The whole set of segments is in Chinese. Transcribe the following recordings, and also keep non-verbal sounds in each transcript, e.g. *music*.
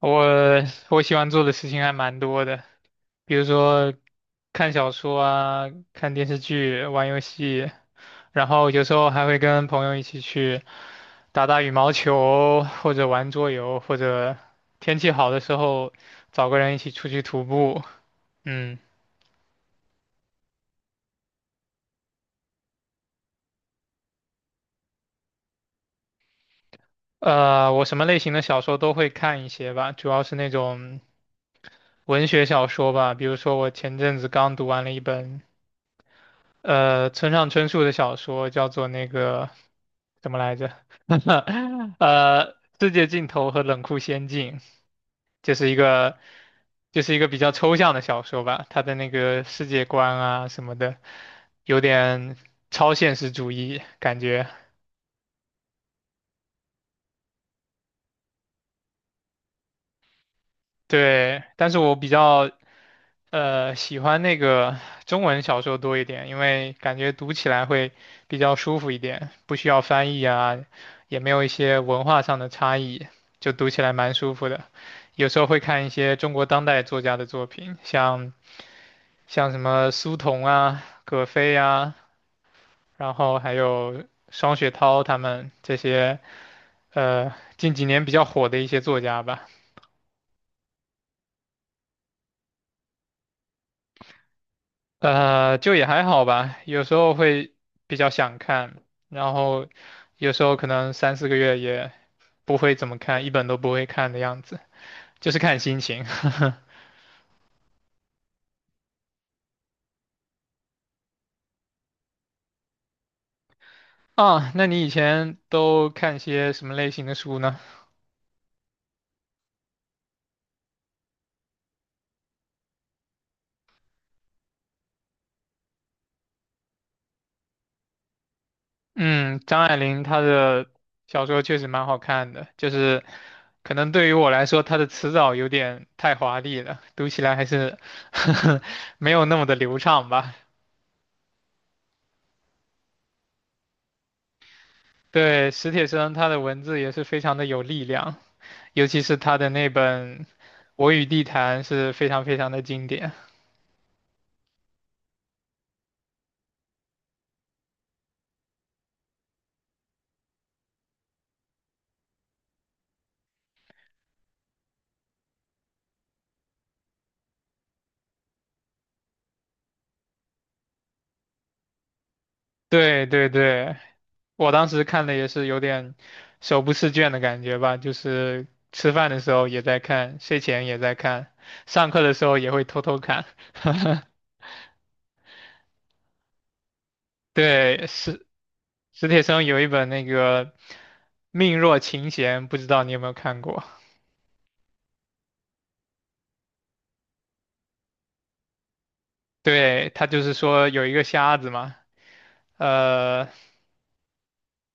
我我喜欢做的事情还蛮多的，比如说看小说啊、看电视剧、玩游戏，然后有时候还会跟朋友一起去打打羽毛球，或者玩桌游，或者天气好的时候找个人一起出去徒步。嗯，我什么类型的小说都会看一些吧，主要是那种文学小说吧，比如说我前阵子刚读完了一本。村上春树的小说叫做那个怎么来着？*laughs* 呃，《世界尽头》和《冷酷仙境》，就是一个就是一个比较抽象的小说吧。他的那个世界观啊什么的，有点超现实主义感觉。对，但是我比较喜欢那个中文小说多一点，因为感觉读起来会比较舒服一点，不需要翻译啊，也没有一些文化上的差异，就读起来蛮舒服的。有时候会看一些中国当代作家的作品，像什么苏童啊、葛飞啊，然后还有双雪涛他们这些近几年比较火的一些作家吧。就也还好吧，有时候会比较想看，然后有时候可能3、4个月也不会怎么看，一本都不会看的样子，就是看心情。*laughs* 啊，那你以前都看些什么类型的书呢？嗯，张爱玲她的小说确实蛮好看的，就是可能对于我来说，她的词藻有点太华丽了，读起来还是 *laughs* 没有那么的流畅吧。对，史铁生他的文字也是非常的有力量，尤其是他的那本《我与地坛》是非常非常的经典。对对对，我当时看的也是有点手不释卷的感觉吧，就是吃饭的时候也在看，睡前也在看，上课的时候也会偷偷看。*laughs* 对，史铁生有一本那个《命若琴弦》，不知道你有没有看过？对，他就是说有一个瞎子嘛，呃。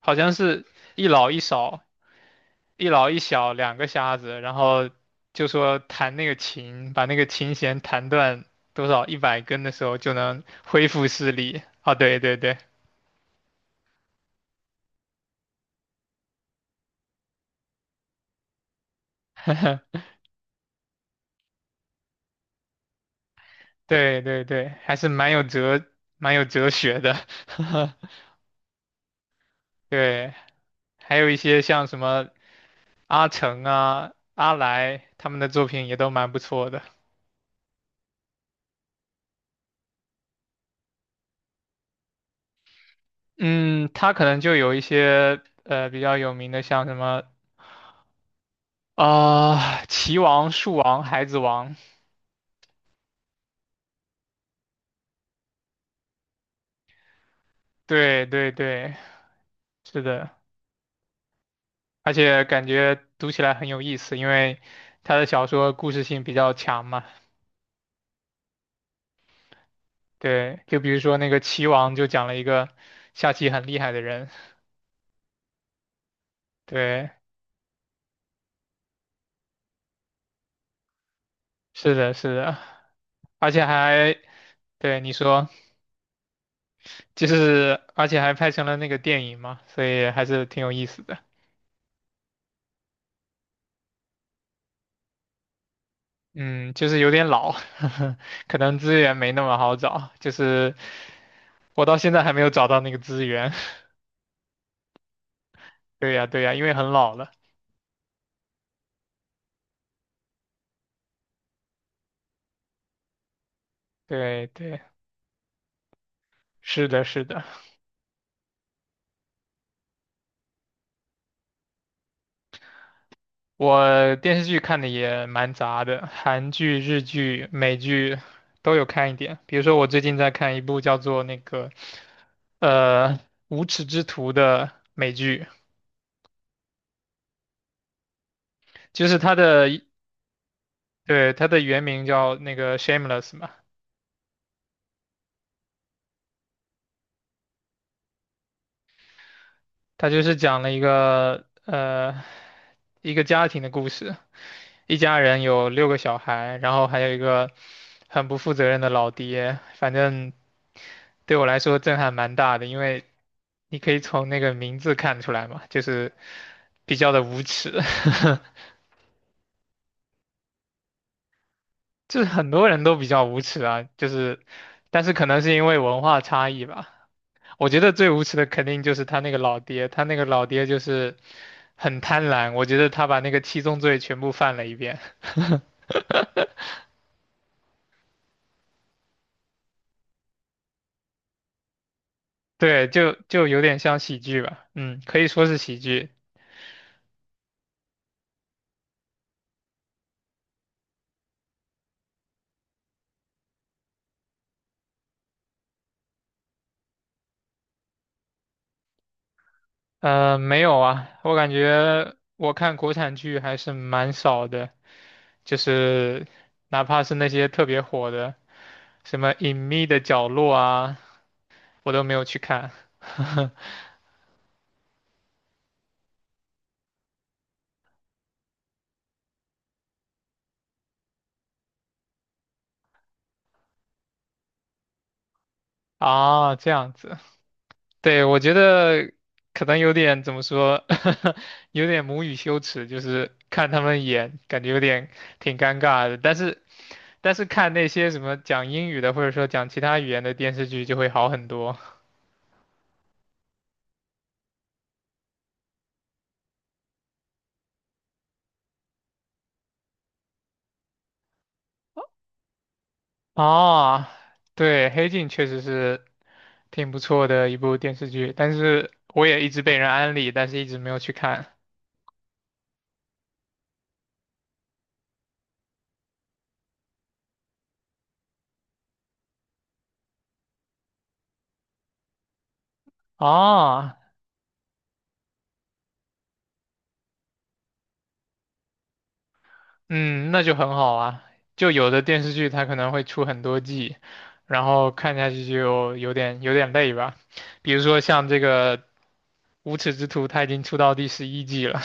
好像是一老一少，一老一小两个瞎子，然后就说弹那个琴，把那个琴弦弹断多少100根的时候就能恢复视力。啊，对对对对对对，还是蛮有哲学的。*laughs* 对，还有一些像什么阿成啊、阿来他们的作品也都蛮不错的。嗯，他可能就有一些比较有名的，像什么啊，棋王、树王、孩子王，对对对，是的，而且感觉读起来很有意思，因为他的小说故事性比较强嘛。对，就比如说那个棋王就讲了一个下棋很厉害的人，对，是的，是的，而且还，对，就是而且还拍成了那个电影嘛，所以还是挺有意思的。嗯，就是有点老，*laughs* 可能资源没那么好找，就是我到现在还没有找到那个资源。*laughs* 对呀，对呀，因为很老了。对对，是的，是的。我电视剧看的也蛮杂的，韩剧、日剧、美剧都有看一点。比如说，我最近在看一部叫做那个呃《无耻之徒》的美剧，就是它的对它的原名叫那个 Shameless 嘛，它就是讲了一个一个家庭的故事。一家人有6个小孩，然后还有一个很不负责任的老爹，反正对我来说震撼蛮大的，因为你可以从那个名字看出来嘛，就是比较的无耻，*laughs* 就是很多人都比较无耻啊，但是可能是因为文化差异吧，我觉得最无耻的肯定就是他那个老爹，他那个老爹就是很贪婪，我觉得他把那个七宗罪全部犯了一遍。对，就有点像喜剧吧，嗯，可以说是喜剧。没有啊，我感觉我看国产剧还是蛮少的，就是哪怕是那些特别火的，什么《隐秘的角落》啊，我都没有去看。*laughs* 啊，这样子。对，我觉得可能有点怎么说，*laughs* 有点母语羞耻，就是看他们演，感觉有点挺尴尬的。但是看那些什么讲英语的，或者说讲其他语言的电视剧就会好很多。啊，对，《黑镜》确实是挺不错的一部电视剧，但是我也一直被人安利，但是一直没有去看。啊，嗯，那就很好啊。就有的电视剧它可能会出很多季，然后看下去就有点累吧。比如说像这个《无耻之徒》，它已经出到第11季了，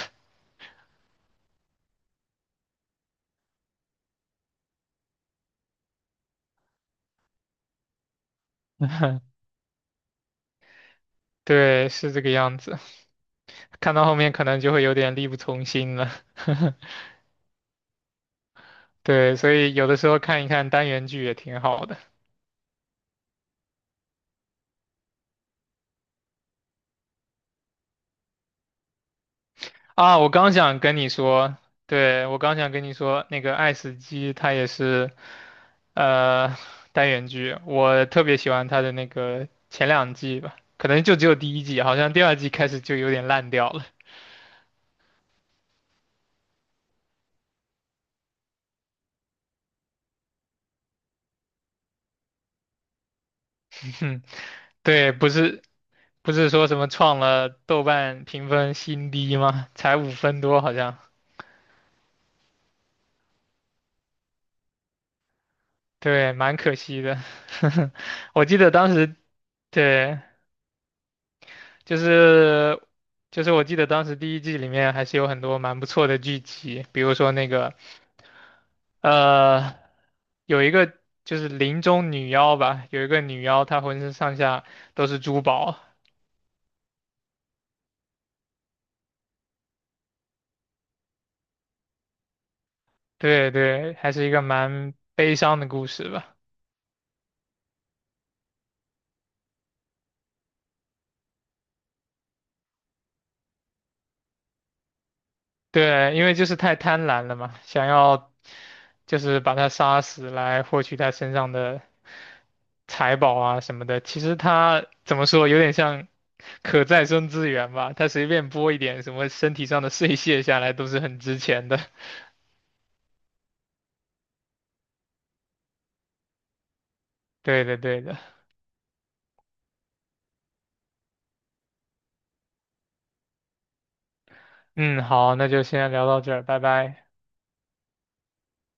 *laughs* 对，是这个样子。看到后面可能就会有点力不从心了。*laughs* 对，所以有的时候看一看单元剧也挺好的啊。我刚想跟你说，对，我刚想跟你说，那个爱死机它也是。呃，单元剧，我特别喜欢它的那个前两季吧，可能就只有第一季，好像第二季开始就有点烂掉了。*laughs* 哼，对，不是说什么创了豆瓣评分新低吗？才5分多好像，对，蛮可惜的。*laughs* 我记得当时，对，就是就是我记得当时第一季里面还是有很多蛮不错的剧集，比如说那个呃有一个就是林中女妖吧，有一个女妖她浑身上下都是珠宝，对对，还是一个蛮悲伤的故事吧。对，因为就是太贪婪了嘛，想要就是把她杀死来获取她身上的财宝啊什么的，其实它怎么说，有点像可再生资源吧，它随便拨一点什么身体上的碎屑下来都是很值钱的。*laughs* 对的，对的。嗯，好，那就先聊到这儿，拜拜。